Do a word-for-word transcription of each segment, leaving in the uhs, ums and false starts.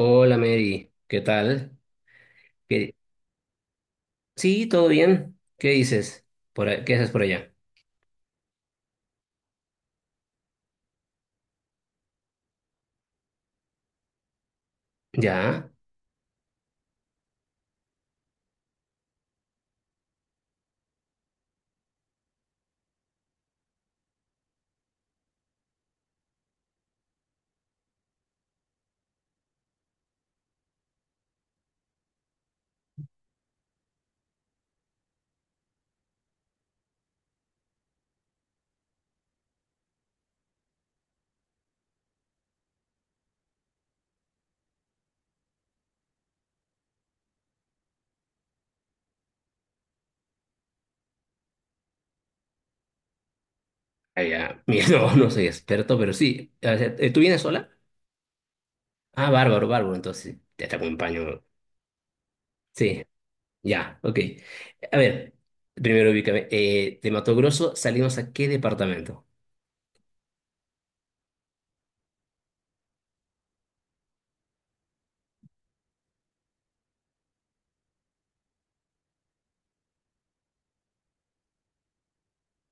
Hola Mary, ¿qué tal? ¿Qué- Sí, todo bien. ¿Qué dices? Por ahí- ¿Qué haces por allá? Ya, allá. Mira, no, no soy experto, pero sí. O sea, eh, ¿tú vienes sola? Ah, bárbaro, bárbaro. Entonces, te te acompaño. Sí, ya, ok. A ver, primero ubícame. Eh, ¿de Mato Grosso salimos a qué departamento?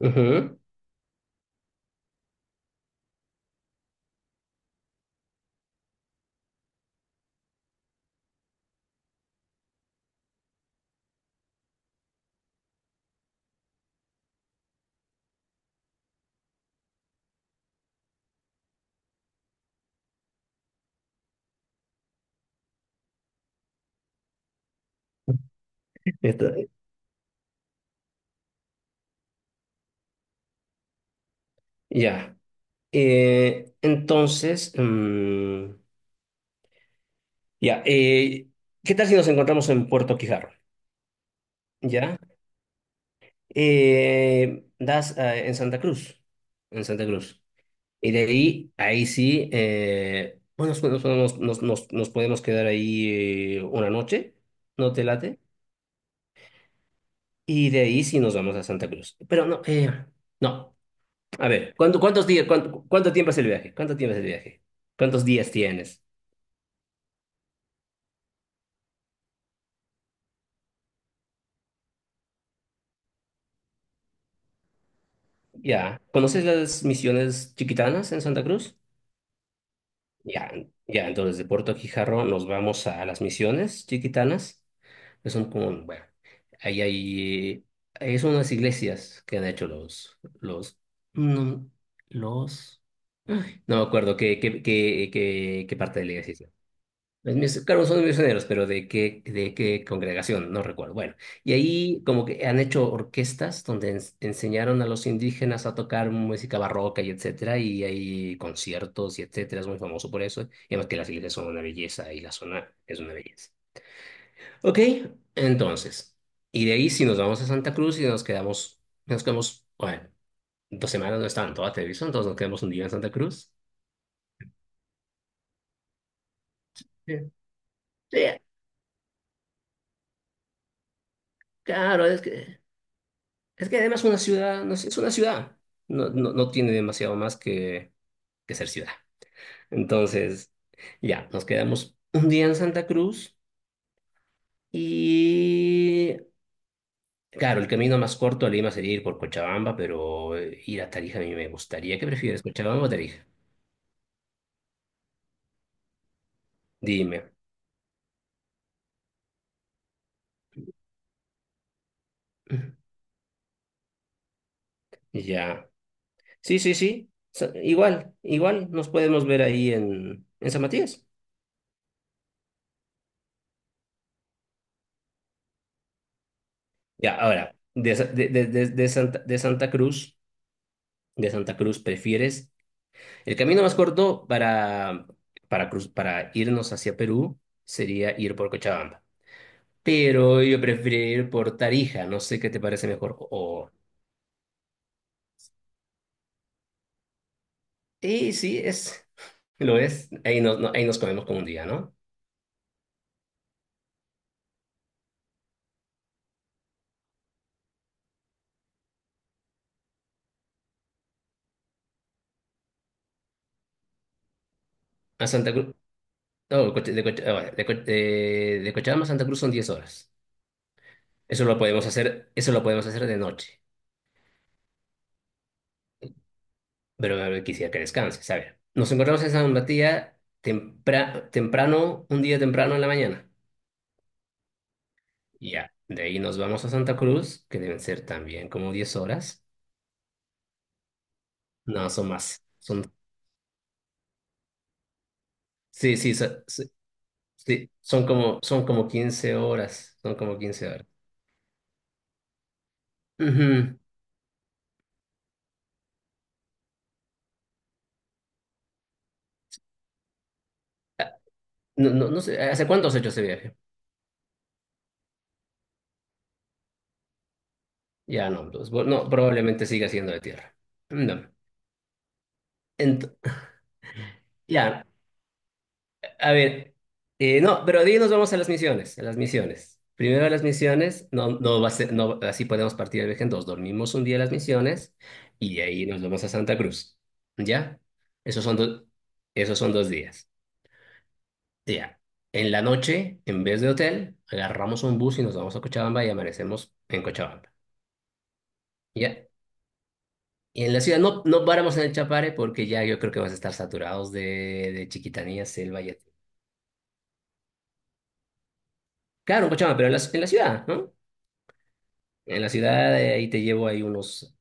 Ujú. Esto- Ya. Eh, entonces, mm, ya. Eh, ¿qué tal si nos encontramos en Puerto Quijarro? ¿Ya? Eh, das eh, en Santa Cruz, en Santa Cruz. Y de ahí, ahí sí, eh, bueno, nosotros nos, nos, nos, nos podemos quedar ahí eh, una noche, ¿no te late? Y de ahí sí nos vamos a Santa Cruz. Pero no, eh, no. A ver, ¿cuánto, ¿cuántos días, cuánto, cuánto tiempo es el viaje? ¿Cuánto tiempo es el viaje? ¿Cuántos días tienes? Ya. ¿Conoces las misiones chiquitanas en Santa Cruz? Ya, ya, entonces de Puerto Quijarro nos vamos a las Misiones Chiquitanas, que son como, bueno, ahí hay, ahí son unas iglesias que han hecho los, los, no, los, no me acuerdo qué, qué, qué, qué, qué parte de la iglesia. Los mis- claro, son misioneros, pero de qué, de qué congregación, no recuerdo. Bueno, y ahí como que han hecho orquestas donde ens- enseñaron a los indígenas a tocar música barroca y etcétera, y hay conciertos y etcétera, es muy famoso por eso. Y además que las iglesias son una belleza y la zona es una belleza. Ok, entonces, y de ahí si nos vamos a Santa Cruz y nos quedamos, nos quedamos, bueno, dos semanas no es todas, ¿ah? Te aviso, entonces nos quedamos un día en Santa Cruz. Sí. Sí, claro, es que... Es que además una ciudad, no sé, es una ciudad, no, no, no tiene demasiado más que, que ser ciudad. Entonces, ya, nos quedamos un día en Santa Cruz y, claro, el camino más corto a Lima sería ir por Cochabamba, pero eh, ir a Tarija a mí me gustaría. ¿Qué prefieres, Cochabamba o Tarija? Dime. Ya. Sí, sí, sí. Sa- Igual, igual nos podemos ver ahí en, en San Matías. Ya, ahora, de, Sa- de, de, de, de Santa, de Santa Cruz, de Santa Cruz, ¿prefieres? El camino más corto para, para, cruz- para irnos hacia Perú sería ir por Cochabamba. Pero yo preferiría ir por Tarija, no sé qué te parece mejor. O... Sí, sí, es, lo es. Ahí nos, no- Ahí nos comemos con un día, ¿no? A Santa Cruz. No, Cocha- de, Cocha- ah, bueno, de Co- de- de Cochabamba a Santa Cruz son diez horas. Eso lo podemos hacer, eso lo podemos hacer de noche. Pero eh, quisiera que descanses, ¿sabes? Nos encontramos en San Matías tempra- temprano, un día temprano en la mañana. Ya, de ahí nos vamos a Santa Cruz, que deben ser también como diez horas. No, son más. Son, sí, sí, so- sí, sí, Son como, son como quince horas. Son como quince horas. Ujú. Ah, no, no, no sé, ¿hace cuánto has hecho ese viaje? Ya, no, pues, bueno, no, probablemente siga siendo de tierra. No. Ent- ya, a ver, eh, no, pero de ahí nos vamos a las misiones, a las misiones. Primero a las misiones, no, no va a ser, no, así podemos partir el viaje en dos. Dormimos un día a las misiones y de ahí nos vamos a Santa Cruz. ¿Ya? Esos son dos, esos son dos días. Ya. En la noche, en vez de hotel, agarramos un bus y nos vamos a Cochabamba y amanecemos en Cochabamba. ¿Ya? Y en la ciudad no, no paramos en el Chapare porque ya yo creo que vamos a estar saturados de, de chiquitanías, selva y... Claro, en Cochabamba, pero en la, en la ciudad, ¿no? En la ciudad, eh, ahí te llevo ahí unos,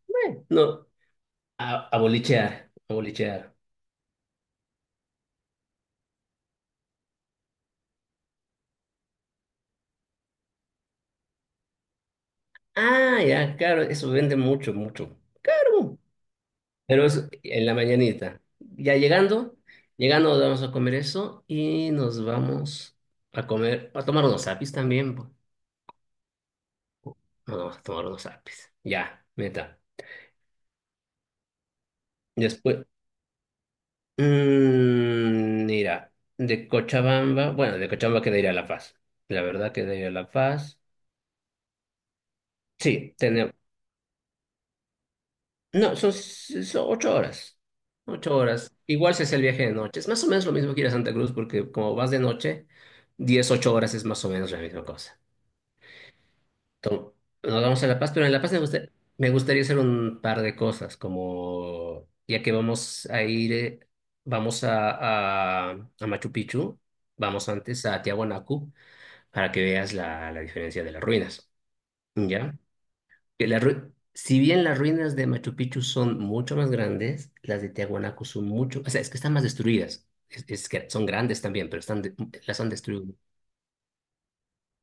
no, a, a bolichear, a bolichear. Ah, ya, claro, eso vende mucho, mucho. Claro, pero es en la mañanita. Ya llegando, llegando vamos a comer eso y nos vamos a comer, a tomar unos apis también. Po. Nos vamos a tomar unos apis. Ya, meta. Después, mm, mira, de Cochabamba, bueno, de Cochabamba queda ir a La Paz. La verdad queda ir a La Paz. Sí, No, son, s- son ocho horas. Ocho horas. Igual si es el viaje de noche. Es más o menos lo mismo que ir a Santa Cruz, porque como vas de noche, diez, ocho horas es más o menos la misma cosa. Entonces, nos vamos a La Paz, pero en La Paz me gusta- me gustaría hacer un par de cosas, como ya que vamos a ir, eh, vamos a, a, a Machu Picchu, vamos antes a Tiahuanacu para que veas la, la diferencia de las ruinas. ¿Ya? Que la ru- si bien las ruinas de Machu Picchu son mucho más grandes, las de Tiahuanaco son mucho, o sea, es que están más destruidas. Es, es que son grandes también, pero están de- las han destruido.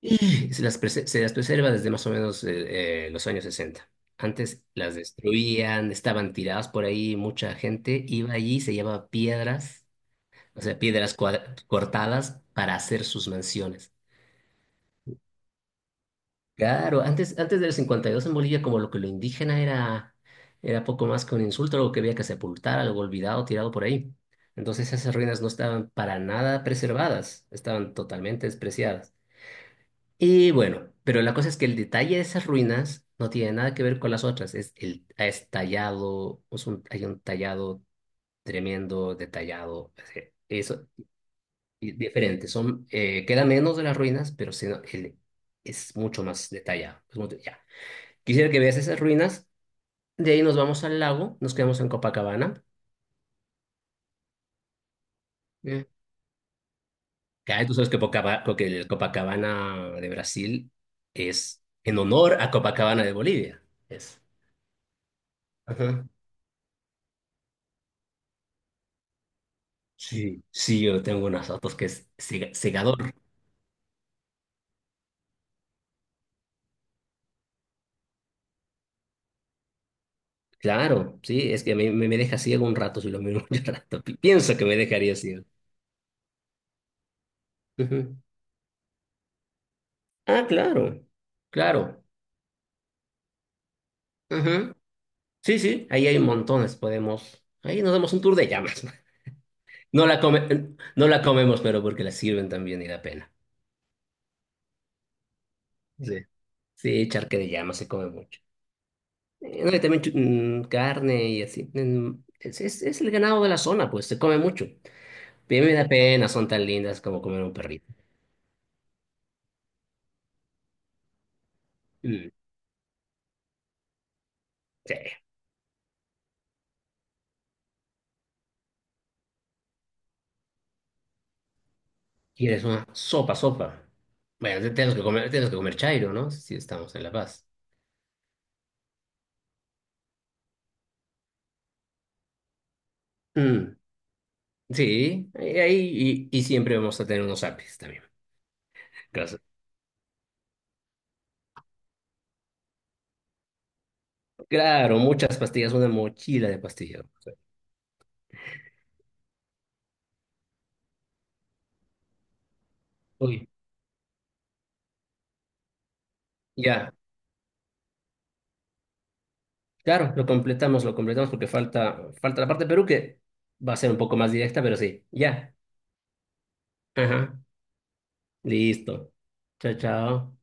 Y se las, prese- se las preserva desde más o menos eh, eh, los años sesenta. Antes las destruían, estaban tiradas por ahí, mucha gente iba allí, se llevaba piedras, o sea, piedras cuadra- cortadas para hacer sus mansiones. Claro, antes, antes del cincuenta y dos en Bolivia como lo que lo indígena era, era poco más que un insulto, algo que había que sepultar, algo olvidado, tirado por ahí. Entonces esas ruinas no estaban para nada preservadas, estaban totalmente despreciadas. Y bueno, pero la cosa es que el detalle de esas ruinas no tiene nada que ver con las otras, es el es tallado, es un- hay un tallado tremendo, detallado, así, eso y diferente, son, eh, queda menos de las ruinas, pero sino- el- es mucho más detallado. Es mucho- ya. Quisiera que veas esas ruinas. De ahí nos vamos al lago, nos quedamos en Copacabana. Mm. Acá tú sabes que, Pocaba- que el Copacabana de Brasil es en honor a Copacabana de Bolivia. Es. Ajá. Sí, sí, yo tengo unas fotos que es cega- cegador. Claro, sí, es que me, me me deja ciego un rato si lo miro mucho rato. Pi- Pienso que me dejaría ciego. Ujú. Ah, claro, claro. Ajá. Sí, sí, ahí hay montones, podemos. Ahí nos damos un tour de llamas. No la come, no la comemos, pero porque la sirven también y da pena. Sí, sí, charque de llama se come mucho. Eh, no, y también chu- mm, carne y así. Mm, es, es, es el ganado de la zona, pues se come mucho. Pero me da pena, son tan lindas como comer un perrito. Mm, sí. ¿Quieres una sopa, sopa? Bueno, te- tenemos que comer, tenemos que comer chairo, ¿no? Si estamos en La Paz. Mm, sí, ahí ahí- y, y siempre vamos a tener unos apis también. Claro, claro, muchas pastillas, una mochila de pastillas. Uy. Ya. Claro, lo completamos, lo completamos porque falta, falta la parte de Perú que va a ser un poco más directa, pero sí. Ya. Ajá. Listo. Chao, chao.